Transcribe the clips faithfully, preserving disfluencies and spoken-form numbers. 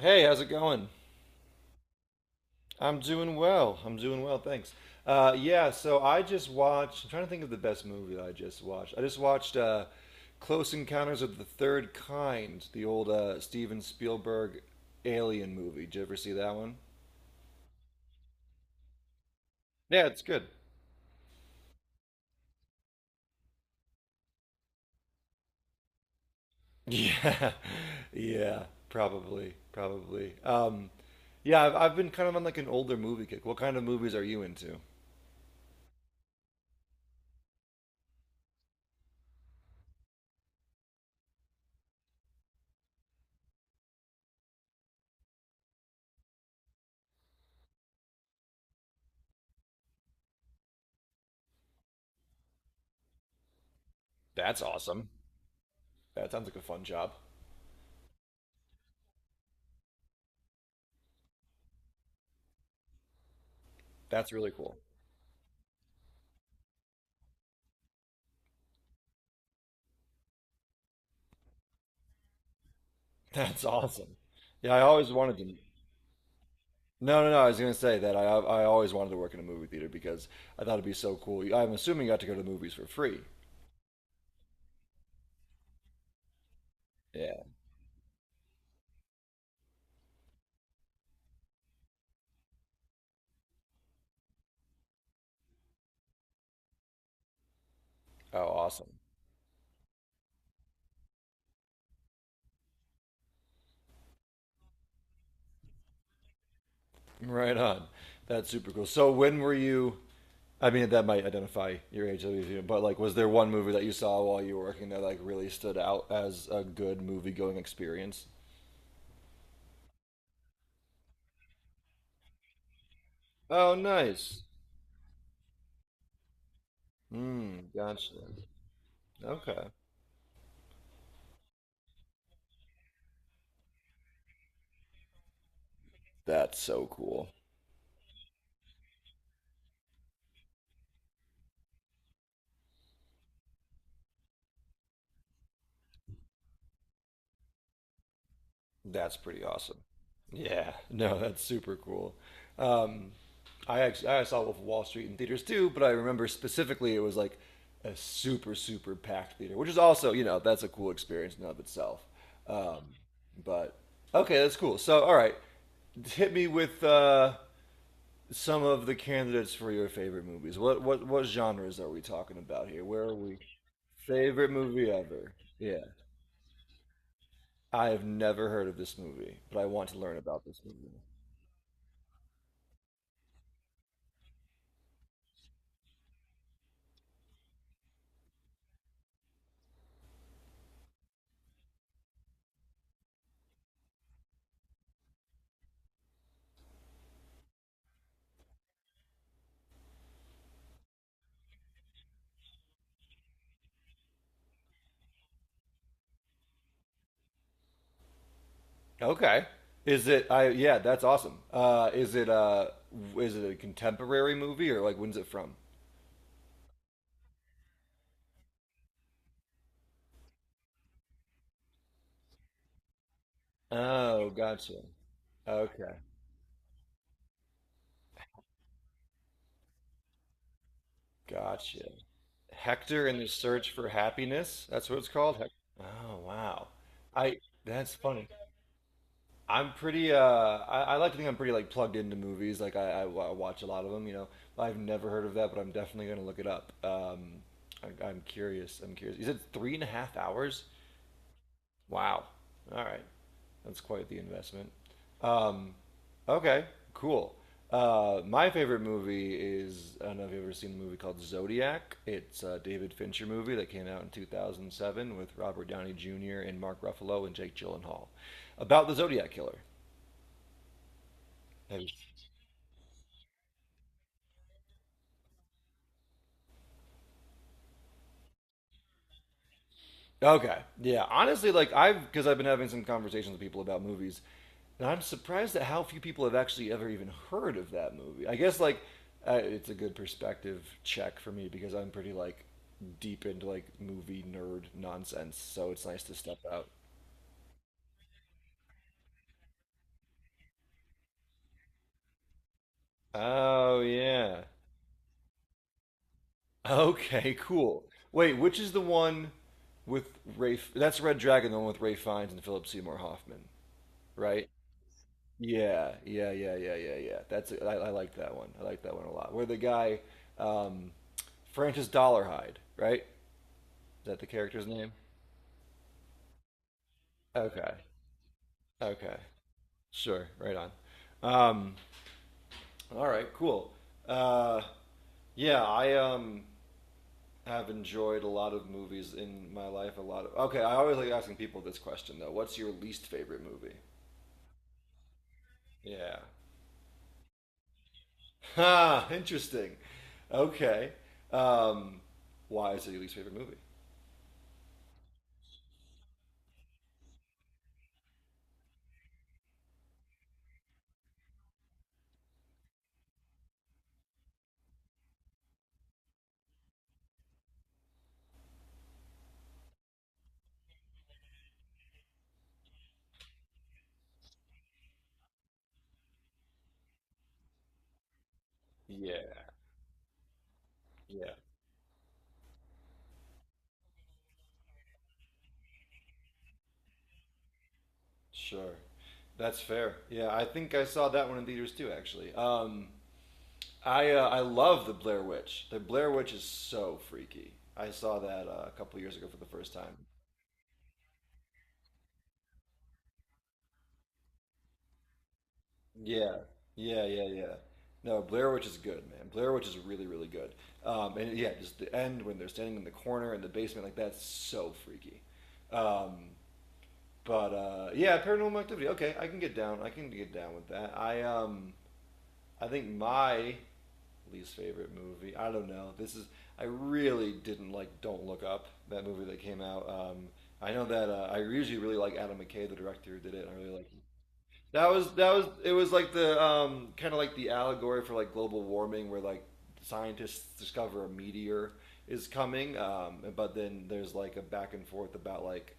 Hey, how's it going? I'm doing well. I'm doing well, thanks. Uh, yeah, so I just watched. I'm trying to think of the best movie that I just watched. I just watched uh, Close Encounters of the Third Kind, the old uh, Steven Spielberg alien movie. Did you ever see that one? Yeah, it's good. Yeah, yeah, probably, probably. Um, yeah, I've, I've been kind of on like an older movie kick. What kind of movies are you into? That's awesome. That sounds like a fun job. That's really cool. That's awesome. Yeah, I always wanted to. No, no, no. I was going to say that I I always wanted to work in a movie theater because I thought it'd be so cool. I'm assuming you got to go to the movies for free. Yeah. Oh, awesome. Right on. That's super cool. So when were you? I mean, that might identify your age, but like, was there one movie that you saw while you were working that like really stood out as a good movie going experience? Oh, nice. Hmm. Gotcha. Okay. That's so cool. That's pretty awesome. Yeah, no, that's super cool. Um, I actually I saw Wolf of Wall Street in theaters too, but I remember specifically it was like a super super packed theater, which is also you know that's a cool experience in and of itself. Um, but okay, that's cool. So all right, hit me with uh, some of the candidates for your favorite movies. What what what genres are we talking about here? Where are we? Favorite movie ever? Yeah, I have never heard of this movie, but I want to learn about this movie. Okay. Is it? I Yeah, that's awesome. Uh, is it? Uh, is it a contemporary movie or like when's it from? Oh, gotcha. Okay, gotcha. Hector and the Search for Happiness. That's what it's called. Hec- Oh wow. I That's funny. I'm pretty. Uh, I, I like to think I'm pretty like plugged into movies. Like I, I, wa- watch a lot of them. You know, I've never heard of that, but I'm definitely gonna look it up. Um, I, I'm curious. I'm curious. You said three and a half hours? Wow. All right. That's quite the investment. Um, okay, cool. Uh, my favorite movie is I don't know if you've ever seen the movie called Zodiac. It's a David Fincher movie that came out in two thousand seven with Robert Downey Junior and Mark Ruffalo and Jake Gyllenhaal about the Zodiac killer. Have you Okay. Yeah. Honestly, like I've because I've been having some conversations with people about movies, and I'm surprised at how few people have actually ever even heard of that movie. I guess like uh, it's a good perspective check for me because I'm pretty like deep into like movie nerd nonsense, so it's nice to step out. Oh yeah. Okay. Cool. Wait, which is the one with Ray? That's Red Dragon, the one with Ray Fiennes and Philip Seymour Hoffman, right? Yeah, yeah, yeah, yeah, yeah, yeah. That's I, I like that one. I like that one a lot. Where the guy, um, Francis Dollarhide, right? Is that the character's name? Okay, okay, sure, right on. Um, all right, cool. Uh, yeah, I um have enjoyed a lot of movies in my life. A lot of Okay. I always like asking people this question though. What's your least favorite movie? Yeah. Ha! Interesting. Okay. Um, why is it your least favorite movie? Yeah. Yeah, sure. That's fair. Yeah, I think I saw that one in theaters too, actually. Um, I uh, I love the Blair Witch. The Blair Witch is so freaky. I saw that uh, a couple years ago for the first time. Yeah, yeah, yeah, yeah. No, Blair Witch is good, man. Blair Witch is really, really good. Um, and yeah, just the end when they're standing in the corner in the basement, like that's so freaky. Um, but uh, yeah, Paranormal Activity. Okay, I can get down. I can get down with that. I um, I think my least favorite movie. I don't know. This is I really didn't like Don't Look Up, that movie that came out. Um, I know that uh, I usually really like Adam McKay, the director who did it. And I really like him. That was that was it was like the um, kind of like the allegory for like global warming, where like scientists discover a meteor is coming, um, but then there's like a back and forth about like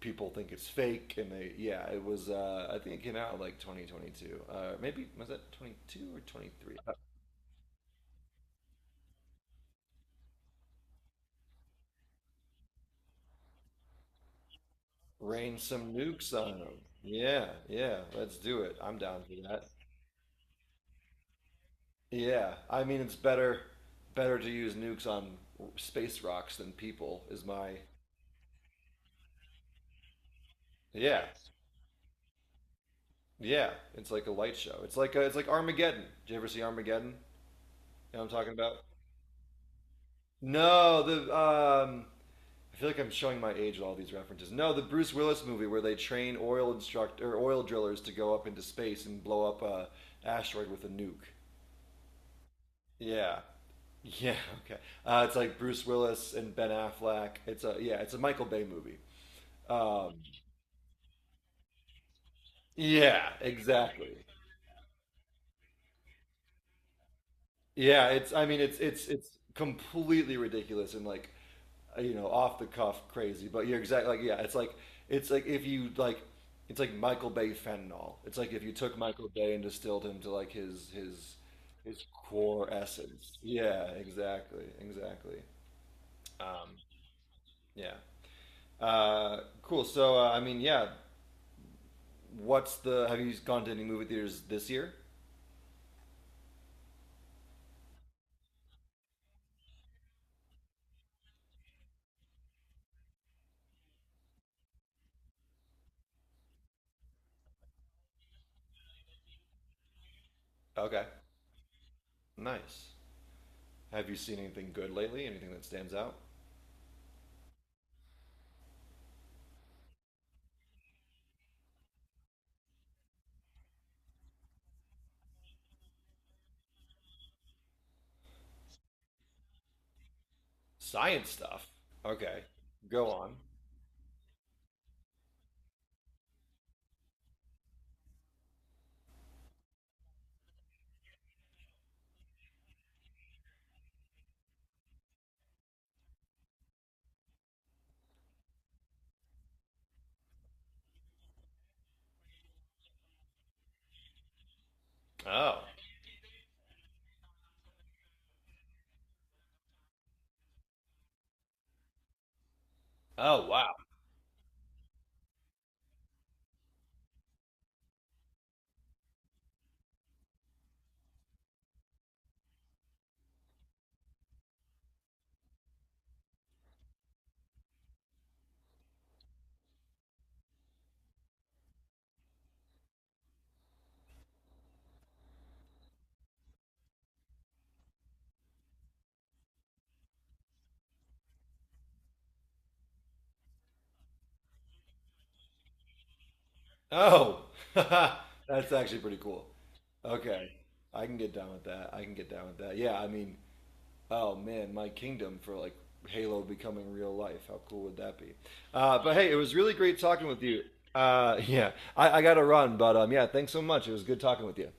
people think it's fake, and they yeah, it was uh, I think it came out in, like two thousand twenty-two, uh, maybe. Was that twenty-two or twenty-three? Rain some nukes on them. Yeah, yeah, let's do it. I'm down for that. Yeah, I mean it's better better to use nukes on space rocks than people is my, yeah. Yeah, it's like a light show. It's like a, it's like Armageddon. Did you ever see Armageddon? You know what I'm talking about? No, the um I feel like I'm showing my age with all these references. No, the Bruce Willis movie where they train oil instruct or oil drillers to go up into space and blow up a asteroid with a nuke. Yeah. Yeah, okay. Uh, it's like Bruce Willis and Ben Affleck. It's a yeah, it's a Michael Bay movie. Um, yeah, exactly. Yeah, it's I mean it's it's it's completely ridiculous and like uh, you know, off the cuff crazy, but you're exactly like, yeah, it's like, it's like if you like it's like Michael Bay fentanyl. It's like if you took Michael Bay and distilled him to like his his his core essence. Yeah, exactly. Exactly. Um, yeah. Uh, cool. So uh, I mean, yeah. What's the? Have you gone to any movie theaters this year? Okay. Nice. Have you seen anything good lately? Anything that stands out? Science stuff. Okay. Go on. Oh. Oh wow. Oh. That's actually pretty cool. Okay. I can get down with that. I can get down with that. Yeah, I mean, oh man, my kingdom for like Halo becoming real life. How cool would that be? Uh, but hey, it was really great talking with you. Uh, yeah, I, I got to run, but um, yeah, thanks so much. It was good talking with you.